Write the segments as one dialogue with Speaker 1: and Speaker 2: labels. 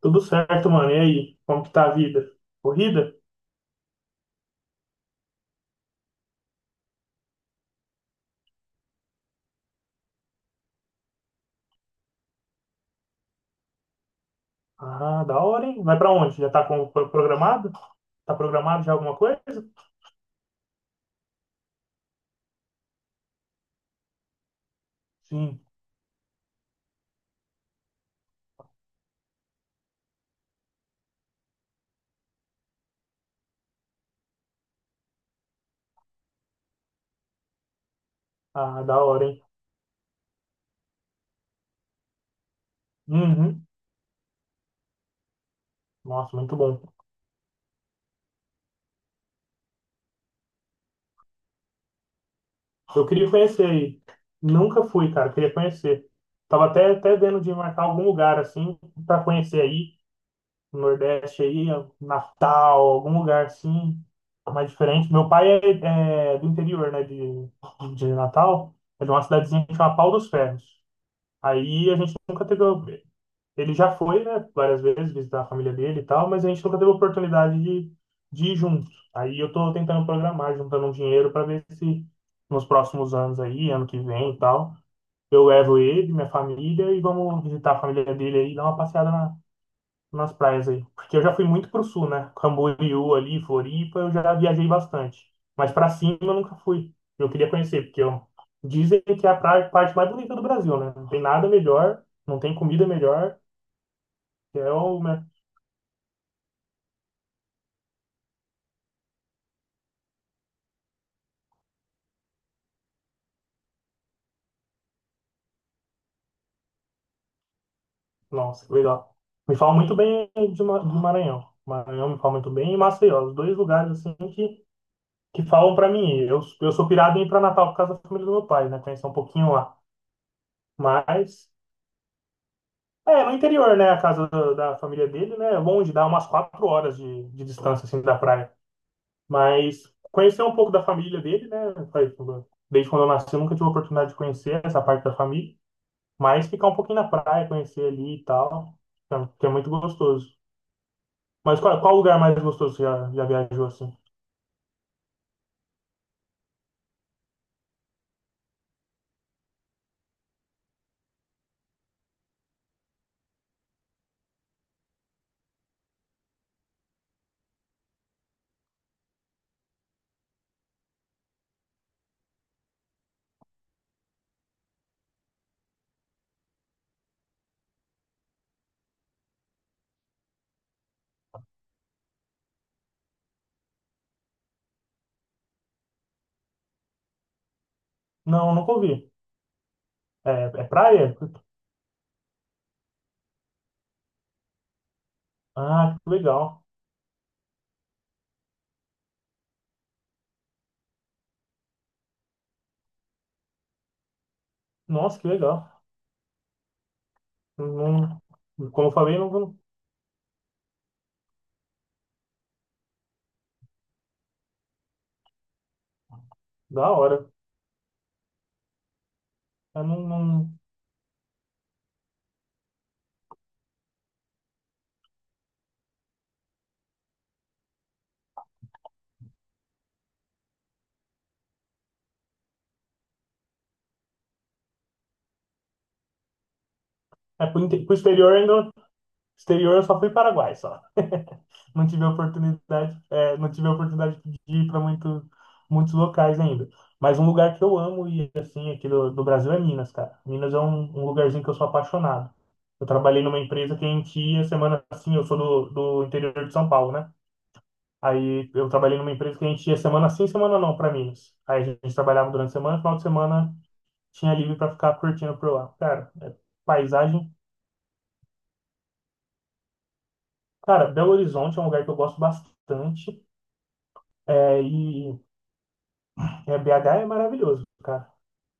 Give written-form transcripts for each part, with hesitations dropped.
Speaker 1: Tudo certo, mano. E aí, como que tá a vida? Corrida? Ah, da hora, hein? Vai pra onde? Já tá programado? Tá programado já alguma coisa? Sim. Ah, da hora, hein? Uhum. Nossa, muito bom. Eu queria conhecer aí. Nunca fui, cara. Queria conhecer. Tava até vendo de marcar algum lugar, assim, pra conhecer aí. No Nordeste aí, Natal, algum lugar assim, mais diferente. Meu pai é do interior, né? De Natal. É de uma cidadezinha que chama Pau dos Ferros. Aí a gente nunca teve. Ele já foi, né, várias vezes visitar a família dele e tal, mas a gente nunca teve a oportunidade de ir junto. Aí eu tô tentando programar, juntando um dinheiro para ver se nos próximos anos aí, ano que vem e tal, eu levo ele, minha família e vamos visitar a família dele aí, dar uma passeada nas praias aí. Porque eu já fui muito pro sul, né? Camboriú ali, Floripa, eu já viajei bastante. Mas pra cima eu nunca fui. Eu queria conhecer, porque eu. Dizem que é a praia, parte mais bonita do Brasil, né? Não tem nada melhor, não tem comida melhor. Que é o, né? Nossa, legal. Me falam muito bem de do Maranhão. Maranhão me fala muito bem e Maceió. Os dois lugares, assim, que falam pra mim. Eu sou pirado em ir pra Natal por causa da família do meu pai, né? Conhecer um pouquinho lá. Mas é, no interior, né? A casa da família dele, né? É longe, dá umas 4 horas de distância, assim, da praia. Mas conhecer um pouco da família dele, né? faz- Desde quando eu nasci, eu nunca tive a oportunidade de conhecer essa parte da família. Mas ficar um pouquinho na praia, conhecer ali e tal, que é muito gostoso. Mas qual lugar mais gostoso que você já viajou, assim? Não, nunca ouvi. É, é praia? Ah, que legal. Nossa, que legal. Não- Como eu falei, da hora. Eu não, é, pro exterior ainda. Exterior eu só fui Paraguai, só. Não tive a oportunidade de ir para muitos locais ainda. Mas um lugar que eu amo e assim aqui do Brasil é Minas, cara. Minas é um lugarzinho que eu sou apaixonado. Eu trabalhei numa empresa que a gente ia semana assim, eu sou do interior de São Paulo, né? Aí eu trabalhei numa empresa que a gente ia semana sim, semana não para Minas. Aí a gente trabalhava durante a semana, final de semana tinha livre para ficar curtindo por lá. Cara, é paisagem. Cara, Belo Horizonte é um lugar que eu gosto bastante. É, e BH é maravilhoso, cara.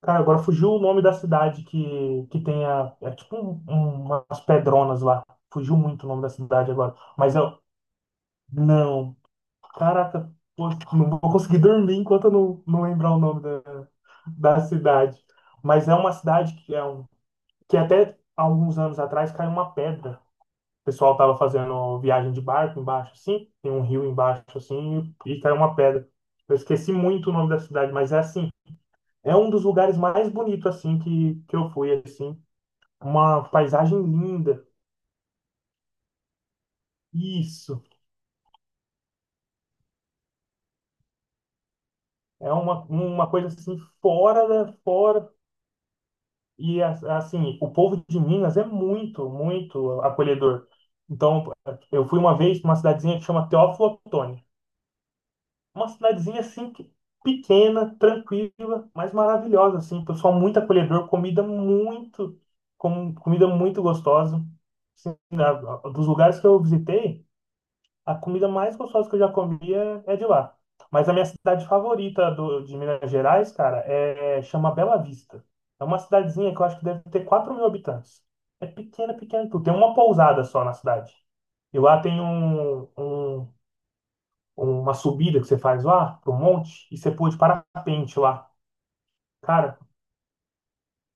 Speaker 1: Cara, agora fugiu o nome da cidade que tem é tipo umas pedronas lá. Fugiu muito o nome da cidade agora. Não, caraca, pô, não vou conseguir dormir enquanto eu não lembrar o nome da cidade. Mas é uma cidade que é que até alguns anos atrás caiu uma pedra. O pessoal tava fazendo viagem de barco embaixo, assim, tem um rio embaixo, assim, e caiu uma pedra. Eu esqueci muito o nome da cidade, mas é assim. É um dos lugares mais bonitos, assim, que eu fui, assim. Uma paisagem linda. Isso. É uma coisa, assim, fora da. Fora. E, assim, o povo de Minas é muito, muito acolhedor. Então, eu fui uma vez numa cidadezinha que chama Teófilo Otoni. Uma cidadezinha, assim, pequena, tranquila, mas maravilhosa, assim. Pessoal muito acolhedor, comida muito gostosa. Assim, dos lugares que eu visitei, a comida mais gostosa que eu já comi é de lá. Mas a minha cidade favorita de Minas Gerais, cara, chama Bela Vista. É uma cidadezinha que eu acho que deve ter 4 mil habitantes. É pequena, pequena, tudo. Tem uma pousada só na cidade. E lá tem uma subida que você faz lá, pro monte, e você pula de parapente lá. Cara,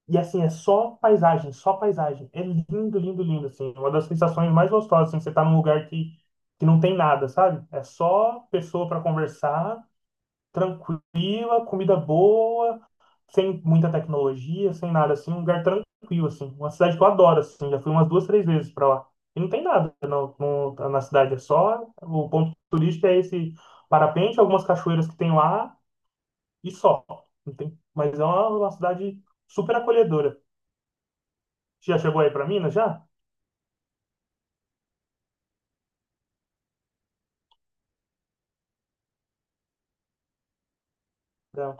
Speaker 1: e assim, é só paisagem, só paisagem. É lindo, lindo, lindo, assim. Uma das sensações mais gostosas, assim, você tá num lugar que não tem nada, sabe? É só pessoa para conversar, tranquila, comida boa, sem muita tecnologia, sem nada, assim, um lugar tranquilo, assim. Uma cidade que eu adoro, assim, já fui umas duas, três vezes para lá. E não tem nada não, na cidade, é só. O ponto turístico é esse parapente, algumas cachoeiras que tem lá e só. Não tem, mas é uma cidade super acolhedora. Já chegou aí para Minas já? Já.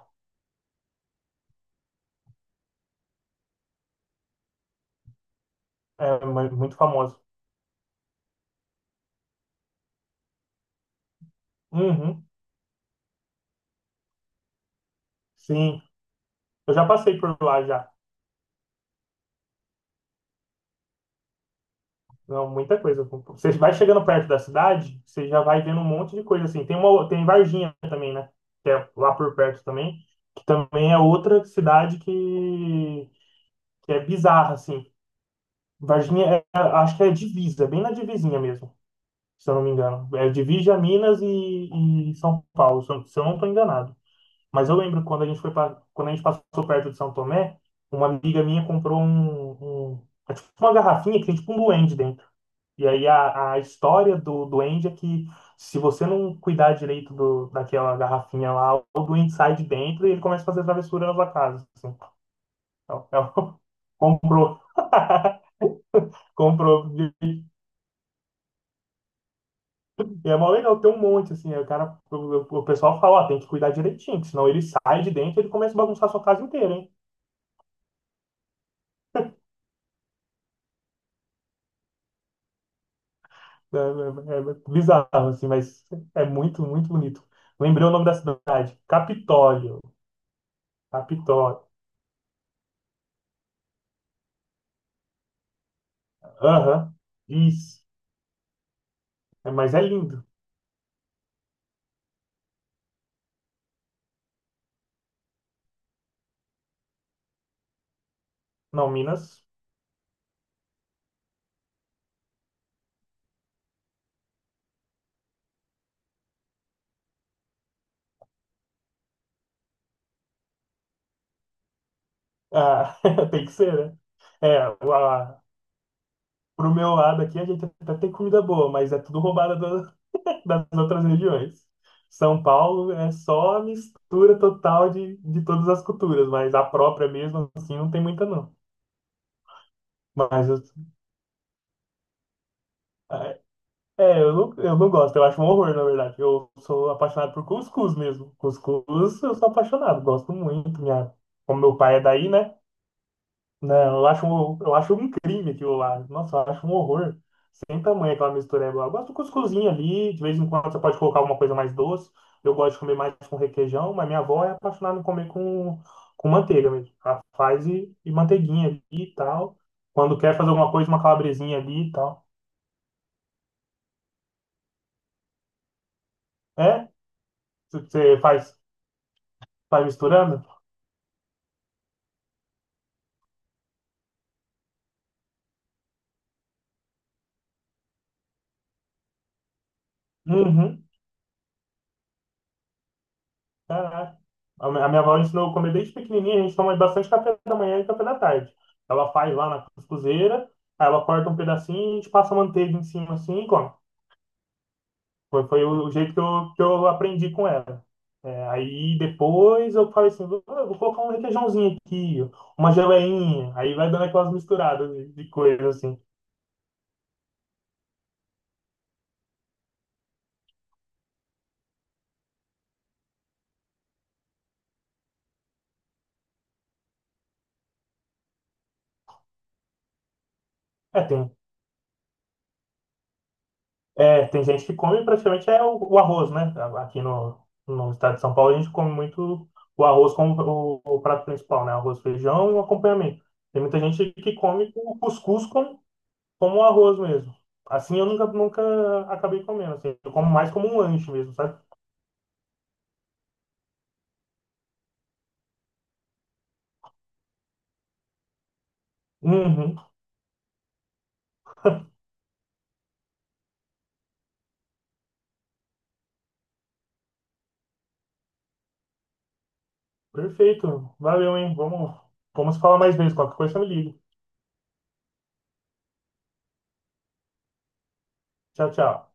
Speaker 1: É muito famoso. Uhum, sim. Eu já passei por lá já. Não, muita coisa. Você vai chegando perto da cidade, você já vai vendo um monte de coisa assim. Tem tem Varginha também, né? Que é lá por perto também, que também é outra cidade que é bizarra assim. Varginha é, acho que é divisa, bem na divisinha mesmo, se eu não me engano. É divisa Minas e São Paulo, se eu não estou enganado. Mas eu lembro quando a gente passou perto de São Tomé, uma amiga minha comprou é tipo uma garrafinha que tem tipo um duende dentro. E aí a história do duende é que se você não cuidar direito daquela garrafinha lá, o duende sai de dentro e ele começa a fazer travessura na sua casa, assim. Então, ela comprou. Comprou. E é mó legal ter um monte, assim. Aí o pessoal fala, ó, tem que cuidar direitinho, que senão ele sai de dentro e ele começa a bagunçar a sua casa inteira, hein? É bizarro, assim, mas é muito, muito bonito. Lembrei o nome da cidade. Capitólio. Capitólio. Aham. Isso. É, mas é lindo. Não, Minas. Ah, tem que ser, né? É, lá, pro meu lado aqui a gente até tem comida boa, mas é tudo roubada das outras regiões. São Paulo é só a mistura total de todas as culturas, mas a própria mesmo, assim, não tem muita, não. Mas é, eu não gosto, eu acho um horror, na verdade. Eu sou apaixonado por cuscuz mesmo. Cuscuz, eu sou apaixonado, gosto muito. Minha. Como meu pai é daí, né? Não, eu acho um crime aquilo lá. Nossa, eu acho um horror. Sem tamanho aquela mistureba lá. Eu gosto do cuscuzinho ali, de vez em quando você pode colocar alguma coisa mais doce. Eu gosto de comer mais com requeijão, mas minha avó é apaixonada em comer com manteiga mesmo. Ela faz e manteiguinha ali e tal. Quando quer fazer alguma coisa, uma calabresinha ali e tal. É? Você faz. Sai misturando? Uhum, caraca. A minha avó ensinou a comer desde pequenininha, a gente toma bastante café da manhã e café da tarde. Ela faz lá na cuscuzeira, aí ela corta um pedacinho e a gente passa manteiga em cima assim e come. Foi o jeito que eu aprendi com ela. É, aí depois eu falei assim, vou colocar um requeijãozinho aqui, uma geleinha, aí vai dando aquelas misturadas de coisa assim. É, tem, É, tem gente que come praticamente é o arroz, né? Aqui no estado de São Paulo a gente come muito o arroz como o prato principal, né? Arroz, feijão e um acompanhamento. Tem muita gente que come o cuscuz como arroz mesmo. Assim eu nunca acabei comendo, assim. Eu como mais como um lanche mesmo, sabe? Uhum, perfeito. Valeu, hein? Vamos falar mais vezes. Qualquer coisa me liga. Tchau, tchau.